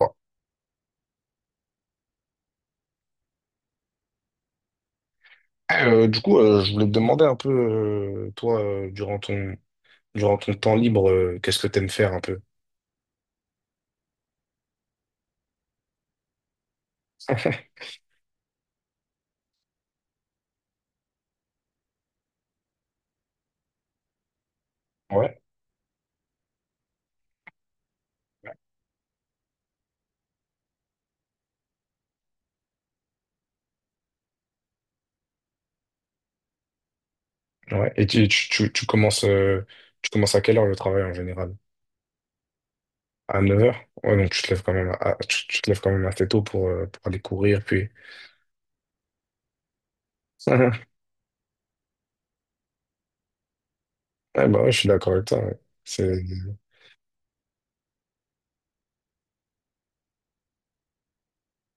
Bon. Du coup, je voulais te demander un peu, toi, durant ton temps libre, qu'est-ce que t'aimes faire un peu? Ouais. Ouais. Et tu commences à quelle heure le travail en général? À 9 heures. Ouais, donc tu te lèves quand même assez tôt pour aller courir, puis. Ouais, bah ouais, je suis d'accord avec toi, ouais. C'est,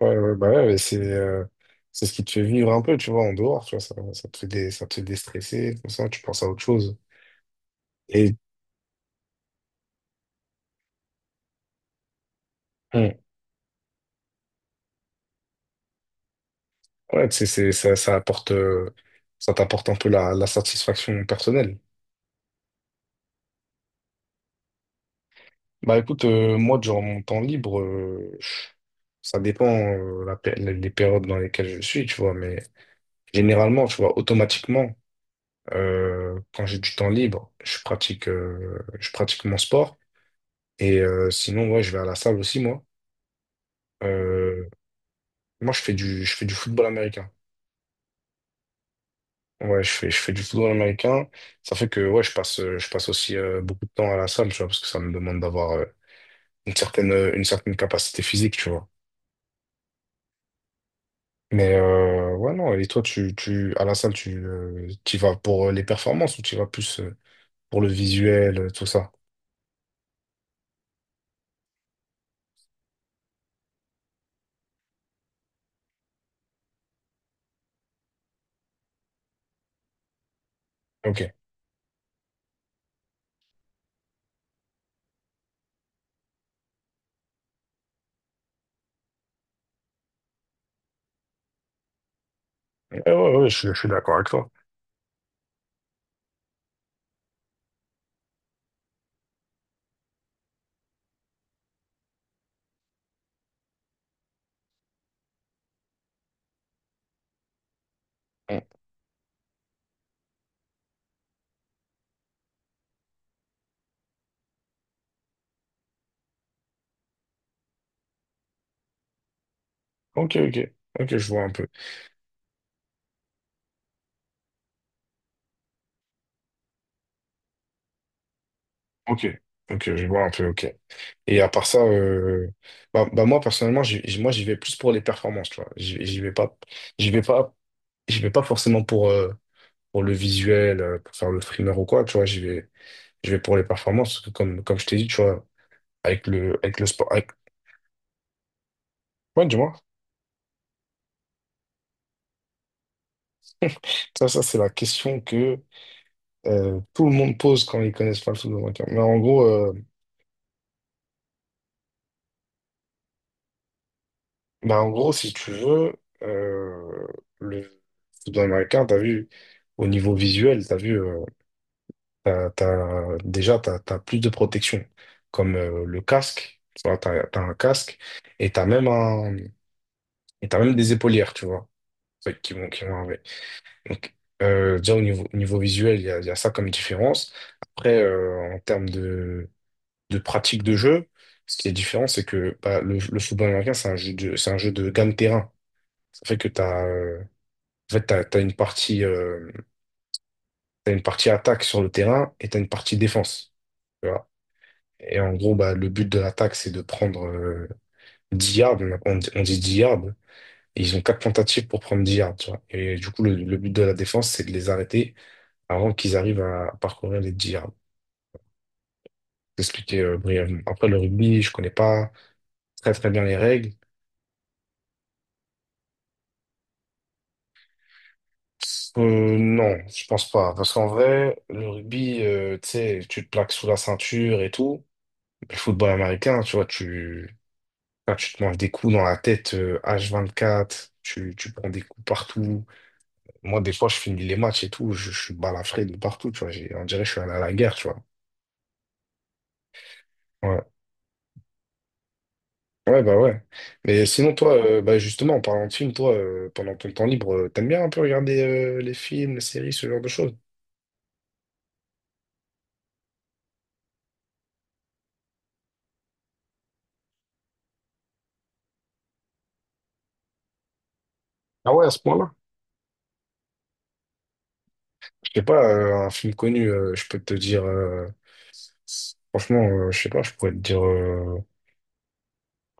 ouais, ouais, bah ouais, mais c'est ce qui te fait vivre un peu, tu vois, en dehors, tu vois, ça te fait déstresser, comme ça, tu penses à autre chose. Et, Ouais c'est, ça apporte, ça t'apporte un peu la satisfaction personnelle. Bah écoute, moi, durant mon temps libre, ça dépend les périodes dans lesquelles je suis, tu vois, mais généralement, tu vois, automatiquement, quand j'ai du temps libre, je pratique mon sport. Et sinon, ouais, je vais à la salle aussi, moi. Euh, moi, je fais du football américain. Ouais, je fais du football américain. Ça fait que, ouais, je passe aussi beaucoup de temps à la salle, tu vois, parce que ça me demande d'avoir une certaine capacité physique, tu vois. Mais ouais, non, et toi, à la salle, tu vas pour les performances ou tu vas plus pour le visuel, tout ça? Ok. Ouais, ouais, ouais, je suis d'accord avec toi. Mm. Ok, ok. Ok, je vois un peu. Ok. Ok, je vois un peu, ok. Et à part ça, moi, personnellement, moi, j'y vais plus pour les performances, tu vois. J'y vais pas, J'y vais pas forcément pour le visuel, pour faire le streamer ou quoi, tu vois. Je vais pour les performances, parce que comme je t'ai dit, tu vois, avec avec le sport. Avec... Ouais, du moins, ça c'est la question que tout le monde pose quand ils connaissent pas le football américain. Mais en gros, si tu veux, euh, le football américain, t'as vu, au niveau visuel, t'as vu, déjà, t'as plus de protection, comme le casque, tu vois, t'as un casque, et t'as même un, et t'as même des épaulières, tu vois, qui vont avec. Donc, déjà au niveau visuel, il y a ça comme différence. Après, en termes de pratique de jeu, ce qui est différent, c'est que bah, le football américain, c'est c'est un jeu de gain de terrain. Ça fait que tu as, en fait, t'as t'as une partie attaque sur le terrain et t'as une partie défense. Tu vois. Et en gros, bah, le but de l'attaque, c'est de prendre 10 yards. On dit 10 yards. Et ils ont quatre tentatives pour prendre 10 yards. Tu vois. Et du coup, le but de la défense, c'est de les arrêter avant qu'ils arrivent à parcourir les 10 yards. Expliquer brièvement. Après, le rugby, je connais pas très très bien les règles. Non, je pense pas. Parce qu'en vrai, le rugby, tu sais, tu te plaques sous la ceinture et tout. Le football américain, tu vois, enfin, tu te manges des coups dans la tête H24, tu prends des coups partout. Moi, des fois, je finis les matchs et tout, je suis balafré de partout, tu vois. On dirait que je suis allé à la guerre, tu vois. Ouais. Ouais, bah ouais. Mais sinon, toi, bah justement, en parlant de films, toi, pendant ton temps libre, t'aimes bien un peu regarder les films, les séries, ce genre de choses? Ah ouais, à ce point-là? Je sais pas, un film connu, je peux te dire, franchement, je sais pas, je pourrais te dire,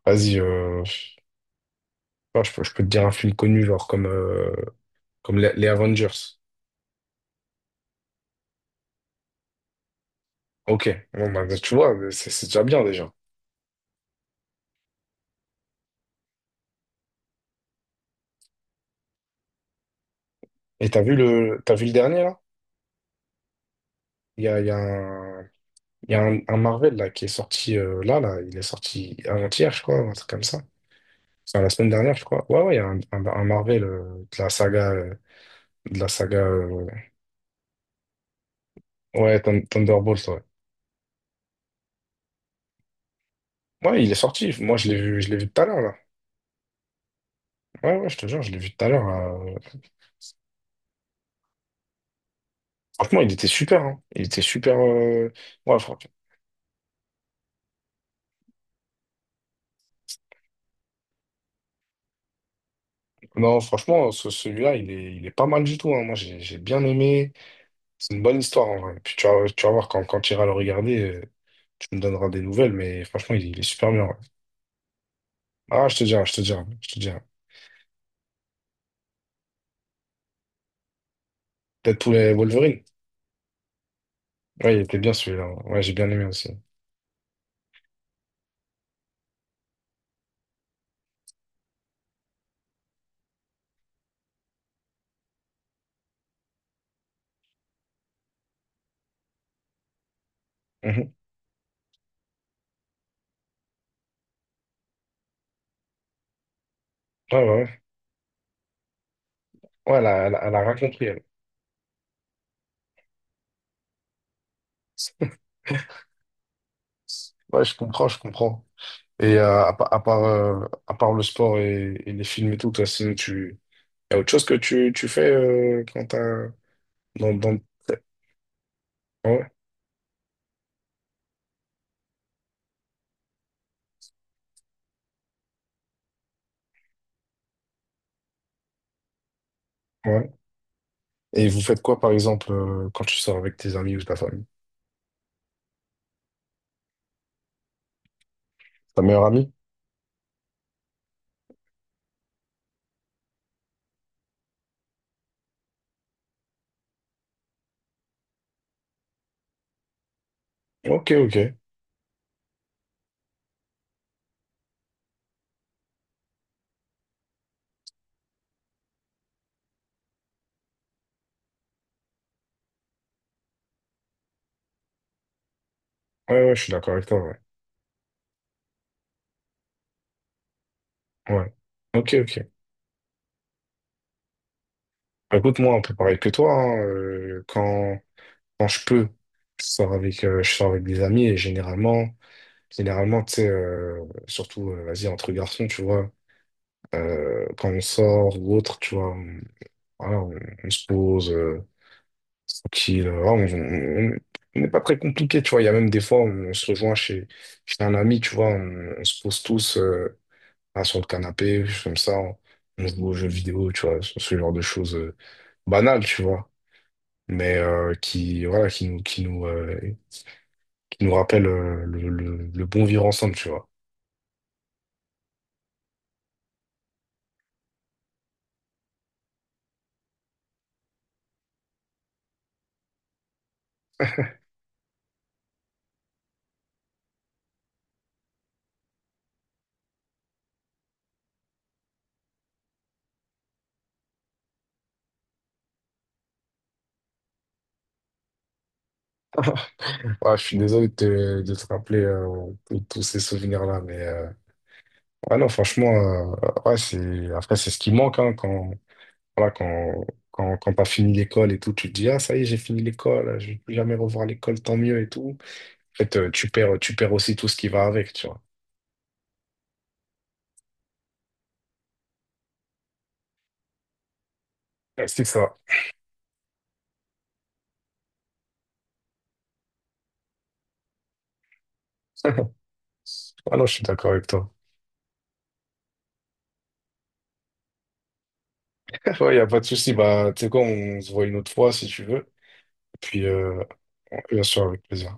vas-y, je sais pas, je peux te dire un film connu, genre comme les Avengers. Ok, bon, bah, tu vois, c'est déjà bien déjà. Et t'as vu le dernier, là? Il y a un. Il y a un Marvel là, qui est sorti là, il est sorti avant-hier, je crois, un truc comme ça. Enfin, la semaine dernière, je crois. Ouais, ouais, il y a un Marvel de la sagade la saga. euh, ouais, Thunderbolt, ouais. Ouais, il est sorti. Moi, je l'ai vu tout à l'heure, là. Ouais, ouais, je te jure, je l'ai vu tout à l'heure. Franchement, il était super, hein. Il était super. Ouais. Non, franchement, celui-là, il est pas mal du tout, hein. Moi, j'ai bien aimé. C'est une bonne histoire, en vrai. Puis tu vas voir quand tu iras le regarder. Tu me donneras des nouvelles, mais franchement, il est super bien, ouais. Ah, je te dirai, je te dirai, je te dirai. Deadpool et Wolverine. Ouais, il était bien celui-là, hein. Ouais, j'ai bien aimé aussi. Mhm. Ouais, ouais, ouais. Ouais, elle a rien compris, elle. Ouais, je comprends, je comprends. Et à part le sport et les films et tout, toi, sinon, tu... y a autre chose que tu fais quand t'as... Dans. Ouais, ouais. Et vous faites quoi, par exemple, quand tu sors avec tes amis ou ta famille? Ta meilleure amie? Ok, ok. Ouais, ouais, je suis d'accord avec toi, ouais. Ouais. Ok, ok. Bah, écoute, moi, un peu pareil que toi, hein, quand je peux, je sors avec des amis et généralement, tu sais, surtout, vas-y, entre garçons, tu vois, quand on sort ou autre, tu vois, voilà, on se pose. Qui on- On n'est pas très compliqué, tu vois. Il y a même des fois, se rejoint chez un ami, tu vois, on se pose tous là, sur le canapé, comme ça, on joue aux jeux vidéo, tu vois, ce genre de choses banales, tu vois, mais qui, voilà, qui nous rappellent le bon vivre ensemble, tu vois. Ouais, je suis désolé de de te rappeler tous ces souvenirs-là, mais ouais, non, franchement, ouais, après, c'est ce qui manque hein, voilà, quand t'as fini l'école et tout, tu te dis, ah, ça y est, j'ai fini l'école, je vais plus jamais revoir l'école, tant mieux et tout. En fait, tu perds aussi tout ce qui va avec, tu vois. Ouais, c'est ça. Ah non, je suis d'accord avec toi. Ouais, y a pas de souci. Bah, tu sais quoi, on se voit une autre fois si tu veux. Et puis, bien sûr, avec plaisir.